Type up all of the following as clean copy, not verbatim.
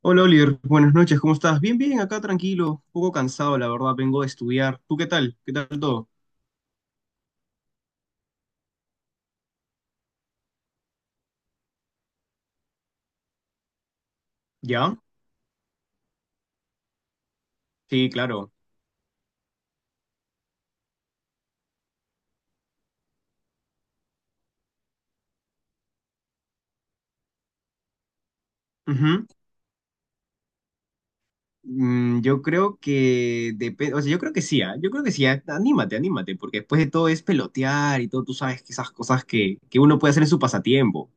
Hola Oliver, buenas noches, ¿cómo estás? Bien, bien, acá tranquilo, un poco cansado, la verdad, vengo de estudiar. ¿Tú qué tal? ¿Qué tal todo? ¿Ya? Sí, claro. Ujú. Yo creo que depende, o sea, yo creo que sí, ¿ah? Yo creo que sí, ah. Anímate, anímate, porque después de todo es pelotear y todo, tú sabes que esas cosas que uno puede hacer en su pasatiempo.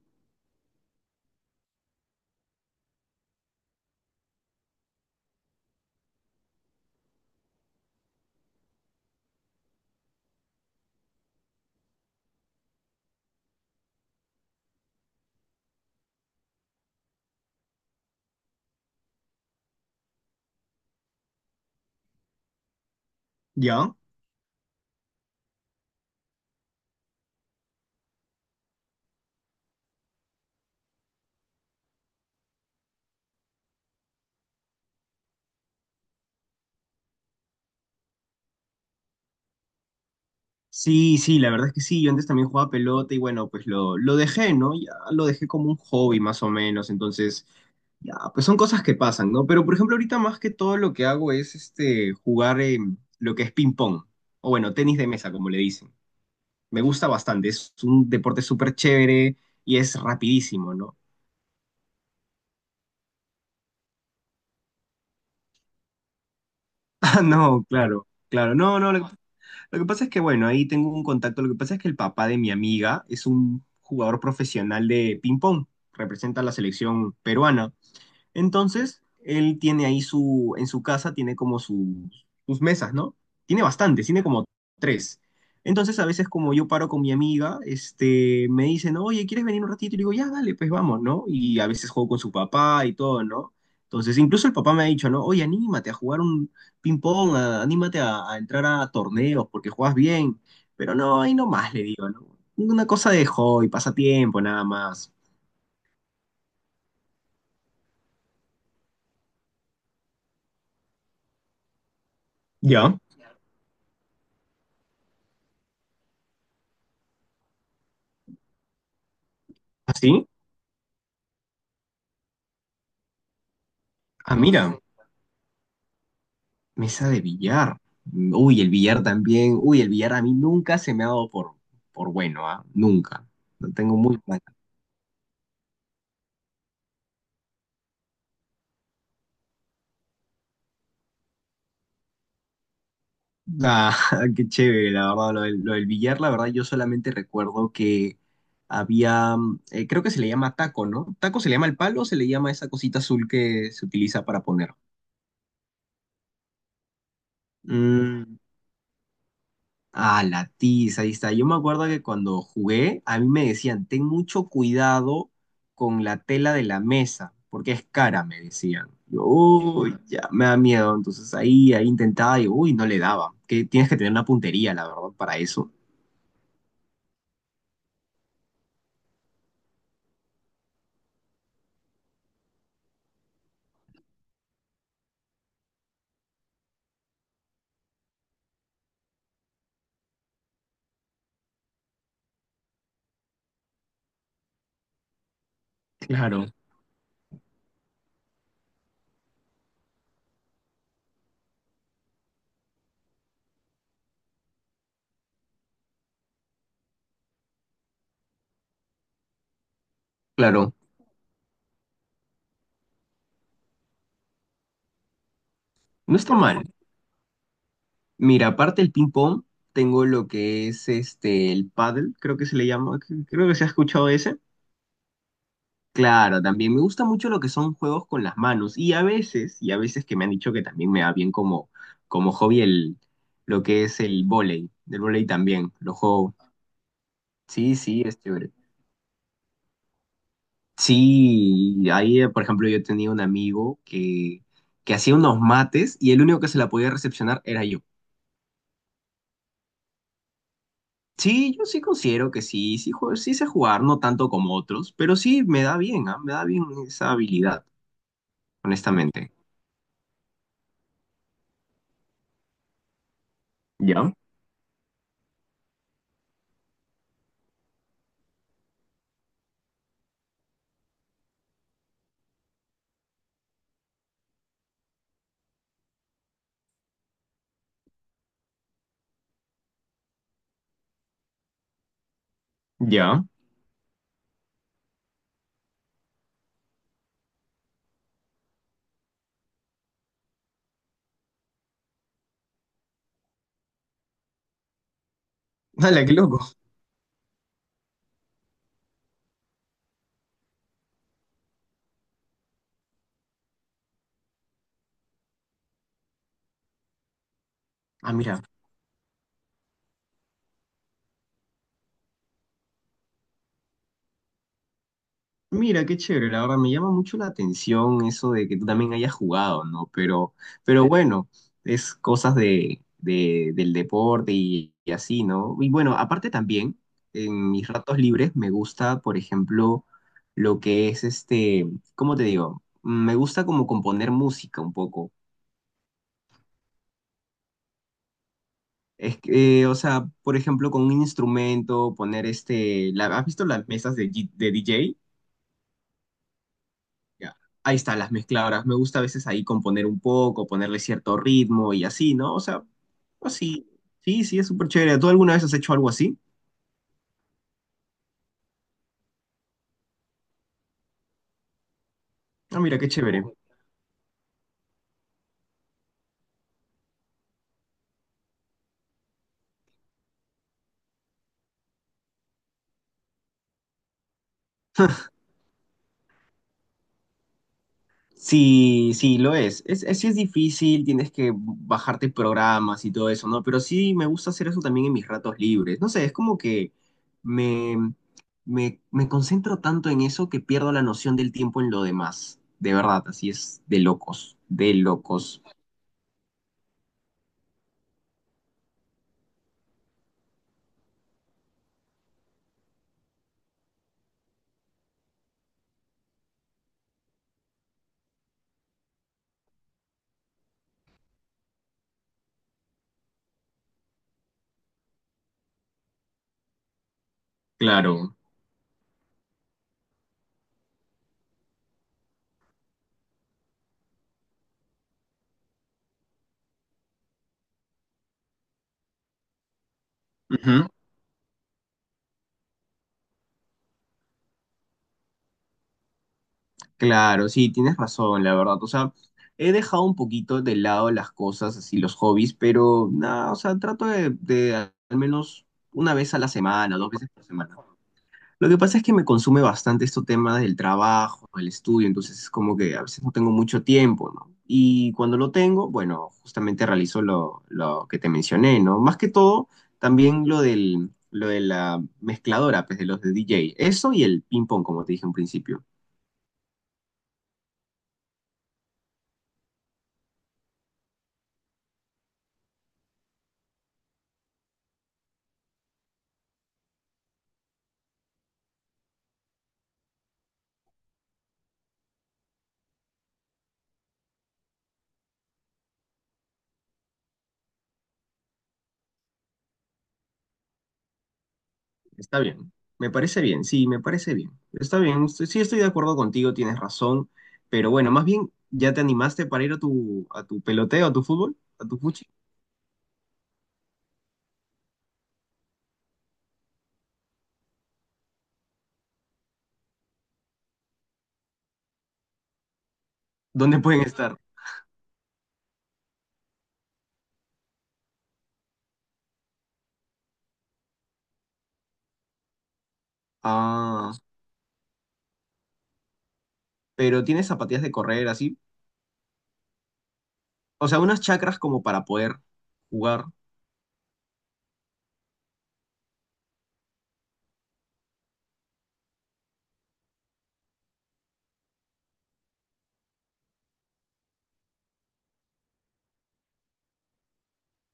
¿Ya? Sí, sí, la verdad es que sí, yo antes también jugaba pelota y bueno, pues lo dejé, ¿no? Ya lo dejé como un hobby más o menos, entonces... Ya, pues son cosas que pasan, ¿no? Pero por ejemplo, ahorita más que todo lo que hago es este jugar lo que es ping pong, o bueno, tenis de mesa, como le dicen. Me gusta bastante, es un deporte súper chévere y es rapidísimo, ¿no? Ah, no, claro, claro. No, no, lo que pasa es que, bueno, ahí tengo un contacto. Lo que pasa es que el papá de mi amiga es un jugador profesional de ping pong, representa a la selección peruana. Entonces, él tiene ahí en su casa, tiene como sus mesas, ¿no? Tiene bastantes, tiene como tres. Entonces, a veces como yo paro con mi amiga, este, me dicen, oye, ¿quieres venir un ratito? Y le digo, ya, dale, pues vamos, ¿no? Y a veces juego con su papá y todo, ¿no? Entonces, incluso el papá me ha dicho, ¿no? Oye, anímate a jugar un ping-pong, anímate a entrar a torneos porque juegas bien. Pero no, ahí nomás le digo, ¿no? Una cosa de hobby, pasatiempo, nada más. ¿Ya? ¿Así? Ah, mira. Mesa de billar. Uy, el billar también. Uy, el billar a mí nunca se me ha dado por bueno, ¿ah? Nunca. No tengo muy mal. Ah, qué chévere, la verdad. Lo del billar, la verdad, yo solamente recuerdo que había, creo que se le llama taco, ¿no? ¿Taco se le llama el palo o se le llama esa cosita azul que se utiliza para poner? Mm, ah, la tiza, ahí está. Yo me acuerdo que cuando jugué, a mí me decían, ten mucho cuidado con la tela de la mesa, porque es cara, me decían. Yo, uy, ya, me da miedo. Entonces ahí, ahí intentaba y, uy, no le daba. Que tienes que tener una puntería, la verdad, para eso. Claro. Claro, no está mal. Mira, aparte del ping-pong, tengo lo que es este, el paddle creo que se le llama. Creo que se ha escuchado ese. Claro, también me gusta mucho lo que son juegos con las manos y y a veces que me han dicho que también me va bien como hobby lo que es el vóley, del vóley también, lo juego. Sí, sí, es chévere. Sí, ahí por ejemplo yo tenía un amigo que hacía unos mates y el único que se la podía recepcionar era yo. Sí, yo sí considero que sí, sí, sí sé jugar, no tanto como otros, pero sí me da bien, ah, me da bien esa habilidad, honestamente. ¿Ya? ¿Ya? ¡Hala, qué loco! Ah, mira. Mira, qué chévere, la verdad me llama mucho la atención eso de que tú también hayas jugado, ¿no? Pero bueno, es cosas de, del deporte y así, ¿no? Y bueno, aparte también, en mis ratos libres me gusta, por ejemplo, lo que es este, ¿cómo te digo? Me gusta como componer música un poco. Es que, o sea, por ejemplo, con un instrumento, poner este, ¿has visto las mesas de, de DJ? Ya. Ahí está, las mezcladoras. Me gusta a veces ahí componer un poco, ponerle cierto ritmo y así, ¿no? O sea, así. Sí, sí, es súper chévere. ¿Tú alguna vez has hecho algo así? Ah, mira, qué chévere. Sí, sí, lo es. Es, sí es difícil, tienes que bajarte programas y todo eso, ¿no? Pero sí me gusta hacer eso también en mis ratos libres. No sé, es como que me, me concentro tanto en eso que pierdo la noción del tiempo en lo demás. De verdad, así es de locos, de locos. Claro. Ujú. Claro, sí, tienes razón, la verdad. O sea, he dejado un poquito de lado las cosas, así los hobbies, pero nada, o sea, trato de al menos una vez a la semana, dos veces por semana. Lo que pasa es que me consume bastante este tema del trabajo, el estudio, entonces es como que a veces no tengo mucho tiempo, ¿no? Y cuando lo tengo, bueno, justamente realizo lo que te mencioné, ¿no? Más que todo, también lo de la mezcladora, pues de los de DJ. Eso y el ping-pong, como te dije en principio. Está bien, me parece bien, sí, me parece bien. Está bien, sí estoy de acuerdo contigo, tienes razón, pero bueno, más bien, ¿ya te animaste para ir a tu peloteo, a tu fútbol, a tu fuchi? ¿Dónde pueden estar? Ah, pero tienes zapatillas de correr, así. O sea, unas chacras como para poder jugar.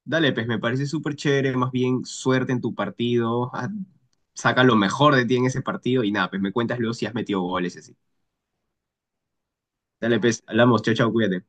Dale, pues me parece súper chévere, más bien suerte en tu partido, ah, saca lo mejor de ti en ese partido y nada, pues me cuentas luego si has metido goles y así. Dale, pues, hablamos, chao, chao, cuídate.